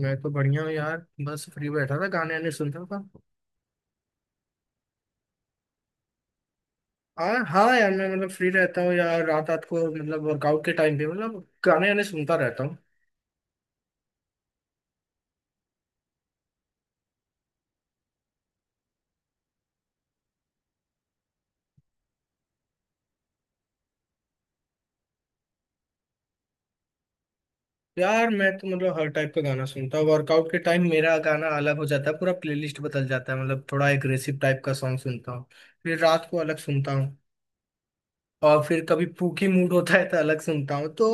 मैं तो बढ़िया हूँ यार। बस फ्री बैठा था गाने वाने सुन रहा था। हाँ यार, मैं मतलब फ्री रहता हूँ यार, रात रात को मतलब वर्कआउट के टाइम पे मतलब गाने वाने सुनता रहता हूँ। यार मैं तो मतलब हर टाइप का गाना सुनता हूँ। वर्कआउट के टाइम मेरा गाना अलग हो जाता है, पूरा प्लेलिस्ट बदल जाता है, मतलब थोड़ा एग्रेसिव टाइप का सॉन्ग सुनता हूँ। फिर रात को अलग सुनता हूँ। और फिर कभी पूकी मूड होता है तो अलग सुनता हूँ, तो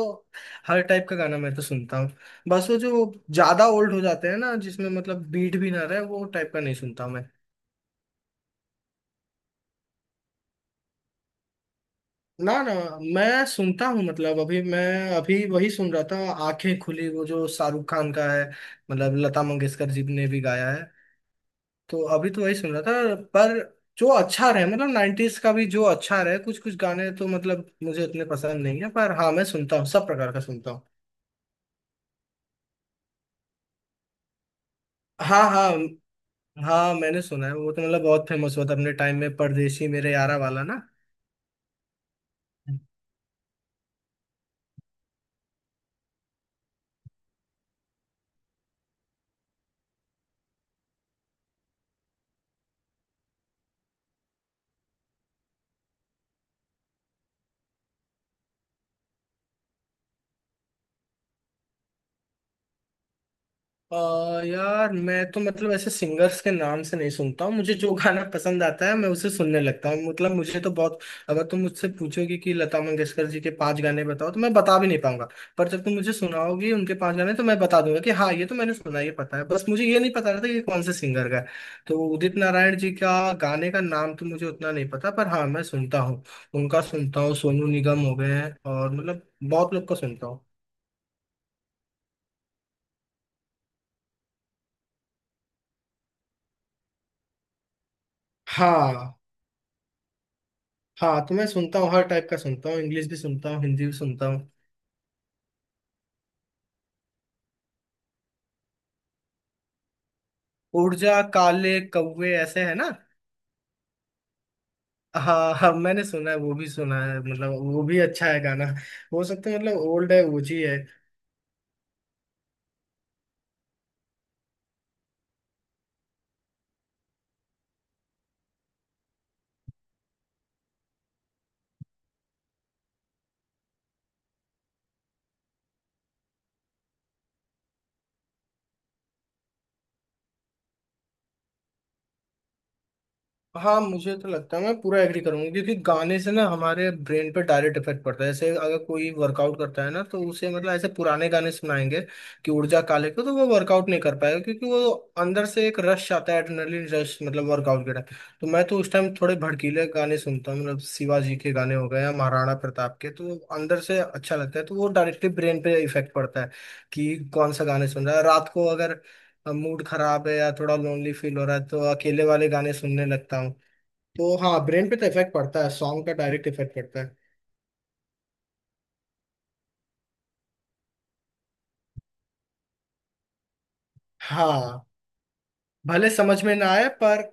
हर टाइप का गाना मैं तो सुनता हूँ। बस वो जो ज्यादा ओल्ड हो जाते हैं ना, जिसमें मतलब बीट भी ना रहे, वो टाइप का नहीं सुनता मैं। ना ना, मैं सुनता हूँ, मतलब अभी मैं अभी वही सुन रहा था। आंखें खुली, वो जो शाहरुख खान का है, मतलब लता मंगेशकर जी ने भी गाया है। तो अभी तो वही सुन रहा था, पर जो अच्छा रहे, मतलब नाइन्टीज का भी जो अच्छा रहे, कुछ कुछ गाने तो मतलब मुझे उतने पसंद नहीं है, पर हाँ मैं सुनता हूँ, सब प्रकार का सुनता हूँ। हाँ हाँ। हाँ मैंने सुना है, वो तो मतलब बहुत फेमस हुआ था अपने टाइम में, परदेसी मेरे यारा वाला ना। अ, यार मैं तो मतलब ऐसे सिंगर्स के नाम से नहीं सुनता हूँ, मुझे जो गाना पसंद आता है मैं उसे सुनने लगता हूँ, मतलब मुझे तो बहुत। अगर तुम मुझसे पूछोगे कि लता मंगेशकर जी के पांच गाने बताओ तो मैं बता भी नहीं पाऊंगा। पर जब तुम मुझे सुनाओगे उनके पांच गाने तो मैं बता दूंगा कि हाँ ये तो मैंने सुना, ये पता है, बस मुझे ये नहीं पता था कि ये कौन से सिंगर का है। तो उदित नारायण जी का गाने का नाम तो मुझे उतना नहीं पता, पर हाँ मैं सुनता हूँ। उनका सुनता हूँ, सोनू निगम हो गए हैं, और मतलब बहुत लोग का सुनता हूँ। हाँ हाँ। तो मैं सुनता हूँ, हर टाइप का सुनता हूँ, इंग्लिश भी सुनता हूँ, हिंदी भी सुनता हूँ। ऊर्जा काले कौवे ऐसे है ना? हाँ हाँ, मैंने सुना है, वो भी सुना है, मतलब वो भी अच्छा है गाना। हो सकता है मतलब ओल्ड है, ओजी है। हाँ मुझे तो लगता है मैं पूरा एग्री करूंगा, क्योंकि गाने से ना हमारे ब्रेन पे डायरेक्ट इफेक्ट पड़ता है। जैसे अगर कोई वर्कआउट करता है ना तो उसे मतलब ऐसे पुराने गाने सुनाएंगे कि ऊर्जा काले को, तो वो वर्कआउट नहीं कर पाएगा, क्योंकि वो अंदर से एक रश आता है, एड्रेनलिन रश। मतलब वर्कआउट के टाइम तो मैं तो उस टाइम थोड़े भड़कीले गाने सुनता हूँ, मतलब शिवाजी के गाने हो गए या महाराणा प्रताप के, तो अंदर से अच्छा लगता है, तो वो डायरेक्टली ब्रेन पे इफेक्ट पड़ता है कि कौन सा गाने सुन रहा है। रात को अगर मूड खराब है या थोड़ा लोनली फील हो रहा है तो अकेले वाले गाने सुनने लगता हूँ। तो हाँ, ब्रेन पे तो इफेक्ट पड़ता है, सॉन्ग का डायरेक्ट इफेक्ट पड़ता है। हाँ, भले समझ में ना आए पर।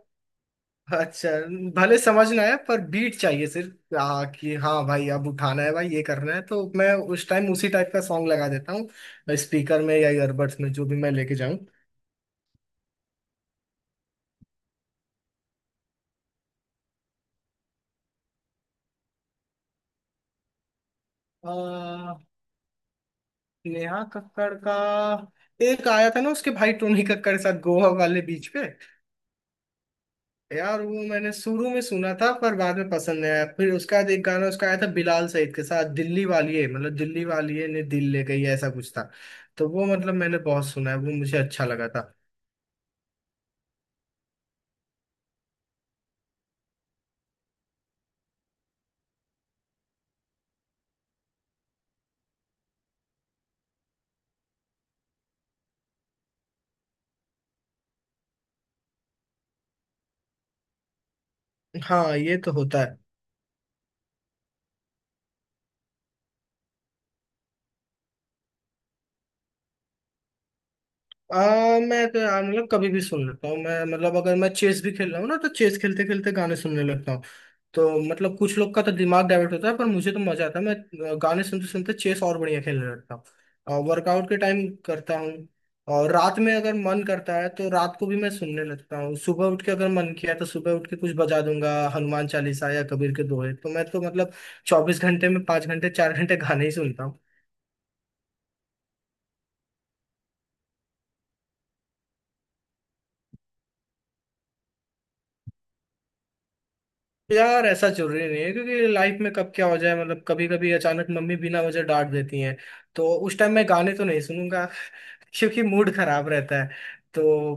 अच्छा, भले समझ ना आए पर बीट चाहिए, सिर्फ कि हाँ भाई अब उठाना है भाई ये करना है, तो मैं उस टाइम उसी टाइप का सॉन्ग लगा देता हूँ स्पीकर में या ईयरबड्स में, जो भी मैं लेके जाऊँ। आ, नेहा कक्कड़ का एक आया था ना उसके भाई टोनी कक्कड़ के साथ, गोवा वाले बीच पे। यार वो मैंने शुरू में सुना था पर बाद में पसंद नहीं आया, फिर उसका एक गाना उसका आया था बिलाल सईद के साथ, दिल्ली वाली है, मतलब दिल्ली वाली है ने दिल ले गई, ऐसा कुछ था। तो वो मतलब मैंने बहुत सुना है, वो मुझे अच्छा लगा था। हाँ ये तो होता है। मैं तो यार मतलब कभी भी सुन लेता हूँ मैं, मतलब अगर मैं चेस भी खेल रहा हूँ ना तो चेस खेलते खेलते गाने सुनने लगता हूँ। तो मतलब कुछ लोग का तो दिमाग डाइवर्ट होता है, पर मुझे तो मजा आता है, मैं गाने सुनते सुनते चेस और बढ़िया खेलने लगता हूँ। और वर्कआउट के टाइम करता हूँ। और रात में अगर मन करता है तो रात को भी मैं सुनने लगता हूँ, सुबह उठ के अगर मन किया तो सुबह उठ के कुछ बजा दूंगा, हनुमान चालीसा या कबीर के दोहे। तो मैं तो मतलब 24 घंटे में 5 घंटे 4 घंटे गाने ही सुनता। यार ऐसा जरूरी नहीं है, क्योंकि लाइफ में कब क्या हो जाए, मतलब कभी कभी अचानक मम्मी बिना वजह डांट देती हैं, तो उस टाइम मैं गाने तो नहीं सुनूंगा क्योंकि मूड खराब रहता है। तो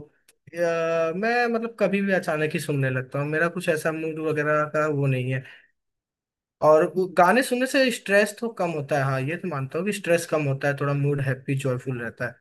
मैं मतलब कभी भी अचानक ही सुनने लगता हूँ, मेरा कुछ ऐसा मूड वगैरह का वो नहीं है। और वो गाने सुनने से स्ट्रेस तो कम होता है, हाँ ये तो मानता हूँ कि स्ट्रेस कम होता है, थोड़ा मूड हैप्पी जॉयफुल रहता है।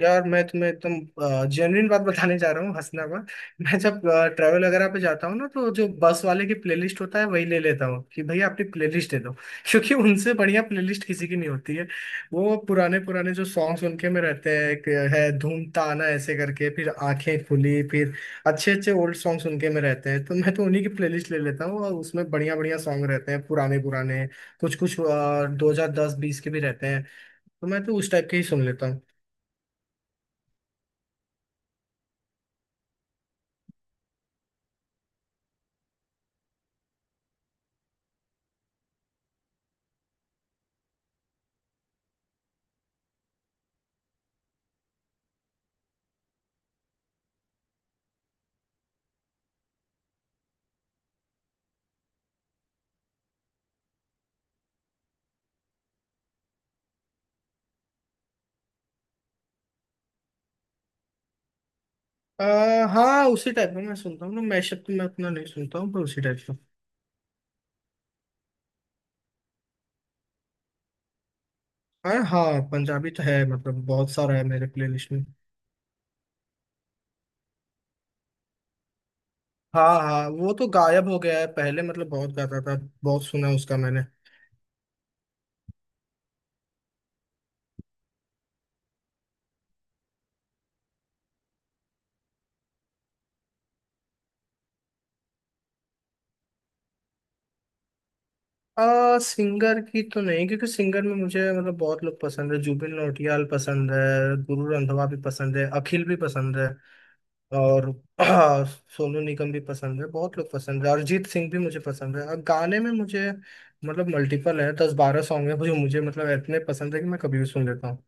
यार मैं तुम्हें एकदम जेन्युइन बात बताने जा रहा हूँ, हंसना मत। मैं जब ट्रैवल वगैरह पे जाता हूँ ना तो जो बस वाले की प्लेलिस्ट होता है वही ले लेता हूँ कि भैया अपनी प्लेलिस्ट दे दो क्योंकि उनसे बढ़िया प्लेलिस्ट किसी की नहीं होती है। वो पुराने पुराने जो सॉन्ग्स उनके में रहते हैं, एक है धूम ताना ऐसे करके, फिर आंखें खुली, फिर अच्छे अच्छे ओल्ड सॉन्ग्स उनके में रहते हैं, तो मैं तो उन्हीं की प्लेलिस्ट ले लेता हूँ, और उसमें बढ़िया बढ़िया सॉन्ग रहते हैं पुराने पुराने। कुछ कुछ 2010-20 के भी रहते हैं, तो मैं तो उस टाइप के ही सुन लेता हूँ। हाँ उसी टाइप का मैं सुनता हूँ ना, मैशअप तो मैं अपना नहीं सुनता हूँ पर उसी टाइप का। अरे हाँ, पंजाबी तो है, मतलब बहुत सारा है मेरे प्लेलिस्ट में। हाँ हाँ, वो तो गायब हो गया है, पहले मतलब बहुत गाता था, बहुत सुना उसका मैंने। सिंगर की तो नहीं, क्योंकि सिंगर में मुझे मतलब बहुत लोग पसंद है, जुबिन नौटियाल पसंद है, गुरु रंधावा भी पसंद है, अखिल भी पसंद है। और सोनू निगम भी पसंद है, बहुत लोग पसंद है, अरिजीत सिंह भी मुझे पसंद है। और गाने में मुझे मतलब मल्टीपल है, 10-12 सॉन्ग है, मुझे मुझे मतलब इतने पसंद है कि मैं कभी भी सुन लेता हूँ।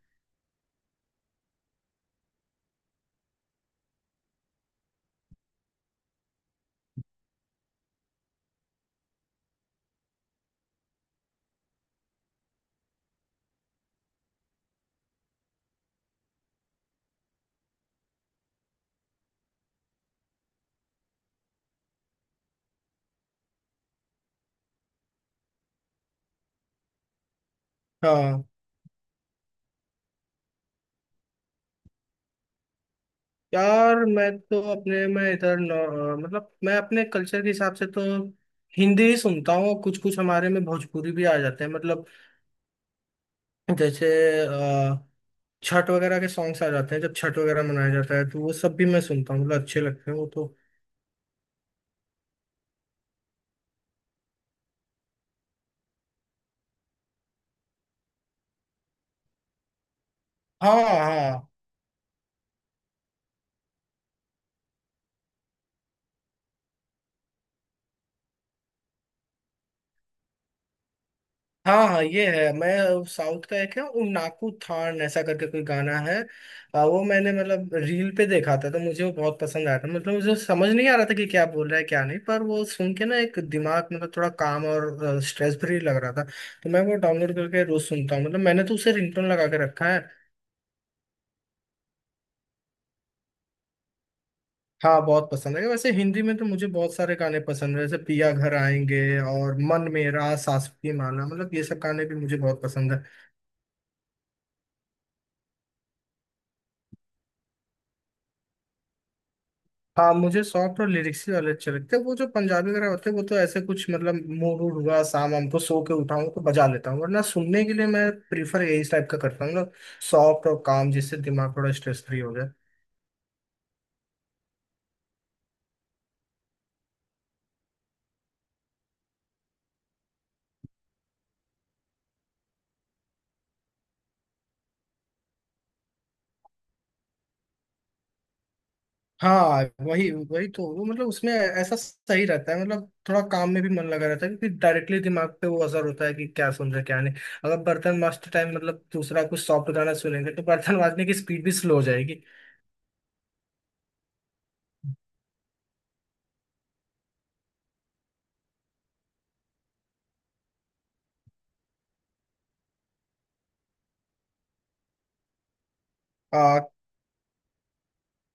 हाँ यार, मैं तो अपने मैं इधर न- मतलब मैं अपने कल्चर के हिसाब से तो हिंदी ही सुनता हूँ, कुछ कुछ हमारे में भोजपुरी भी आ जाते हैं, मतलब जैसे अ, छठ वगैरह के सॉन्ग्स आ जाते हैं जब छठ वगैरह मनाया जाता है, तो वो सब भी मैं सुनता हूँ, मतलब अच्छे लगते हैं वो तो। हाँ हाँ, हाँ हाँ, ये है। मैं साउथ का एक है उन्नाकू थान ऐसा करके कोई गाना है। वो मैंने मतलब रील पे देखा था, तो मुझे वो बहुत पसंद आया था, मतलब मुझे समझ नहीं आ रहा था कि क्या बोल रहा है क्या नहीं, पर वो सुन के ना एक दिमाग मतलब थोड़ा काम और स्ट्रेस फ्री लग रहा था। तो मैं वो डाउनलोड करके रोज सुनता हूँ, मतलब मैंने तो उसे रिंगटोन लगा के रखा है। हाँ बहुत पसंद है, वैसे हिंदी में तो मुझे बहुत सारे गाने पसंद है, जैसे पिया घर आएंगे, और मन मेरा सास की माला, मतलब ये सब गाने भी मुझे बहुत पसंद है। हाँ, मुझे सॉफ्ट और लिरिक्स ही वाले अच्छे लगते हैं, वो जो पंजाबी वगैरह होते हैं वो तो ऐसे कुछ मतलब मूड वूड हुआ शाम वाम को सो के उठाऊं तो बजा लेता हूँ, वरना सुनने के लिए मैं प्रीफर यही टाइप का करता हूँ ना, सॉफ्ट और काम, जिससे दिमाग थोड़ा स्ट्रेस फ्री हो जाए। हाँ वही वही तो, वो मतलब उसमें ऐसा सही रहता है, मतलब थोड़ा काम में भी मन लगा रहता है, क्योंकि डायरेक्टली दिमाग पे वो असर होता है कि क्या सुन रहे क्या नहीं। अगर बर्तन माजते टाइम मतलब दूसरा कुछ सॉफ्ट गाना सुनेंगे तो बर्तन माजने की स्पीड भी स्लो हो जाएगी।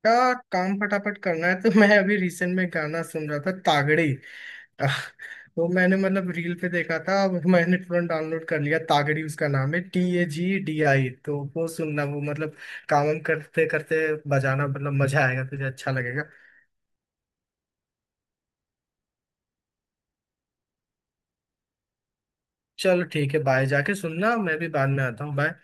का काम फटाफट करना है तो मैं अभी रिसेंट में गाना सुन रहा था, तागड़ी। आह, वो मैंने मतलब रील पे देखा था, मैंने तुरंत डाउनलोड कर लिया। तागड़ी उसका नाम है, TAGDI। तो वो सुनना, वो मतलब काम वाम करते करते बजाना, मतलब मजा आएगा तुझे, अच्छा लगेगा। चलो ठीक है, बाय, जाके सुनना, मैं भी बाद में आता हूँ, बाय।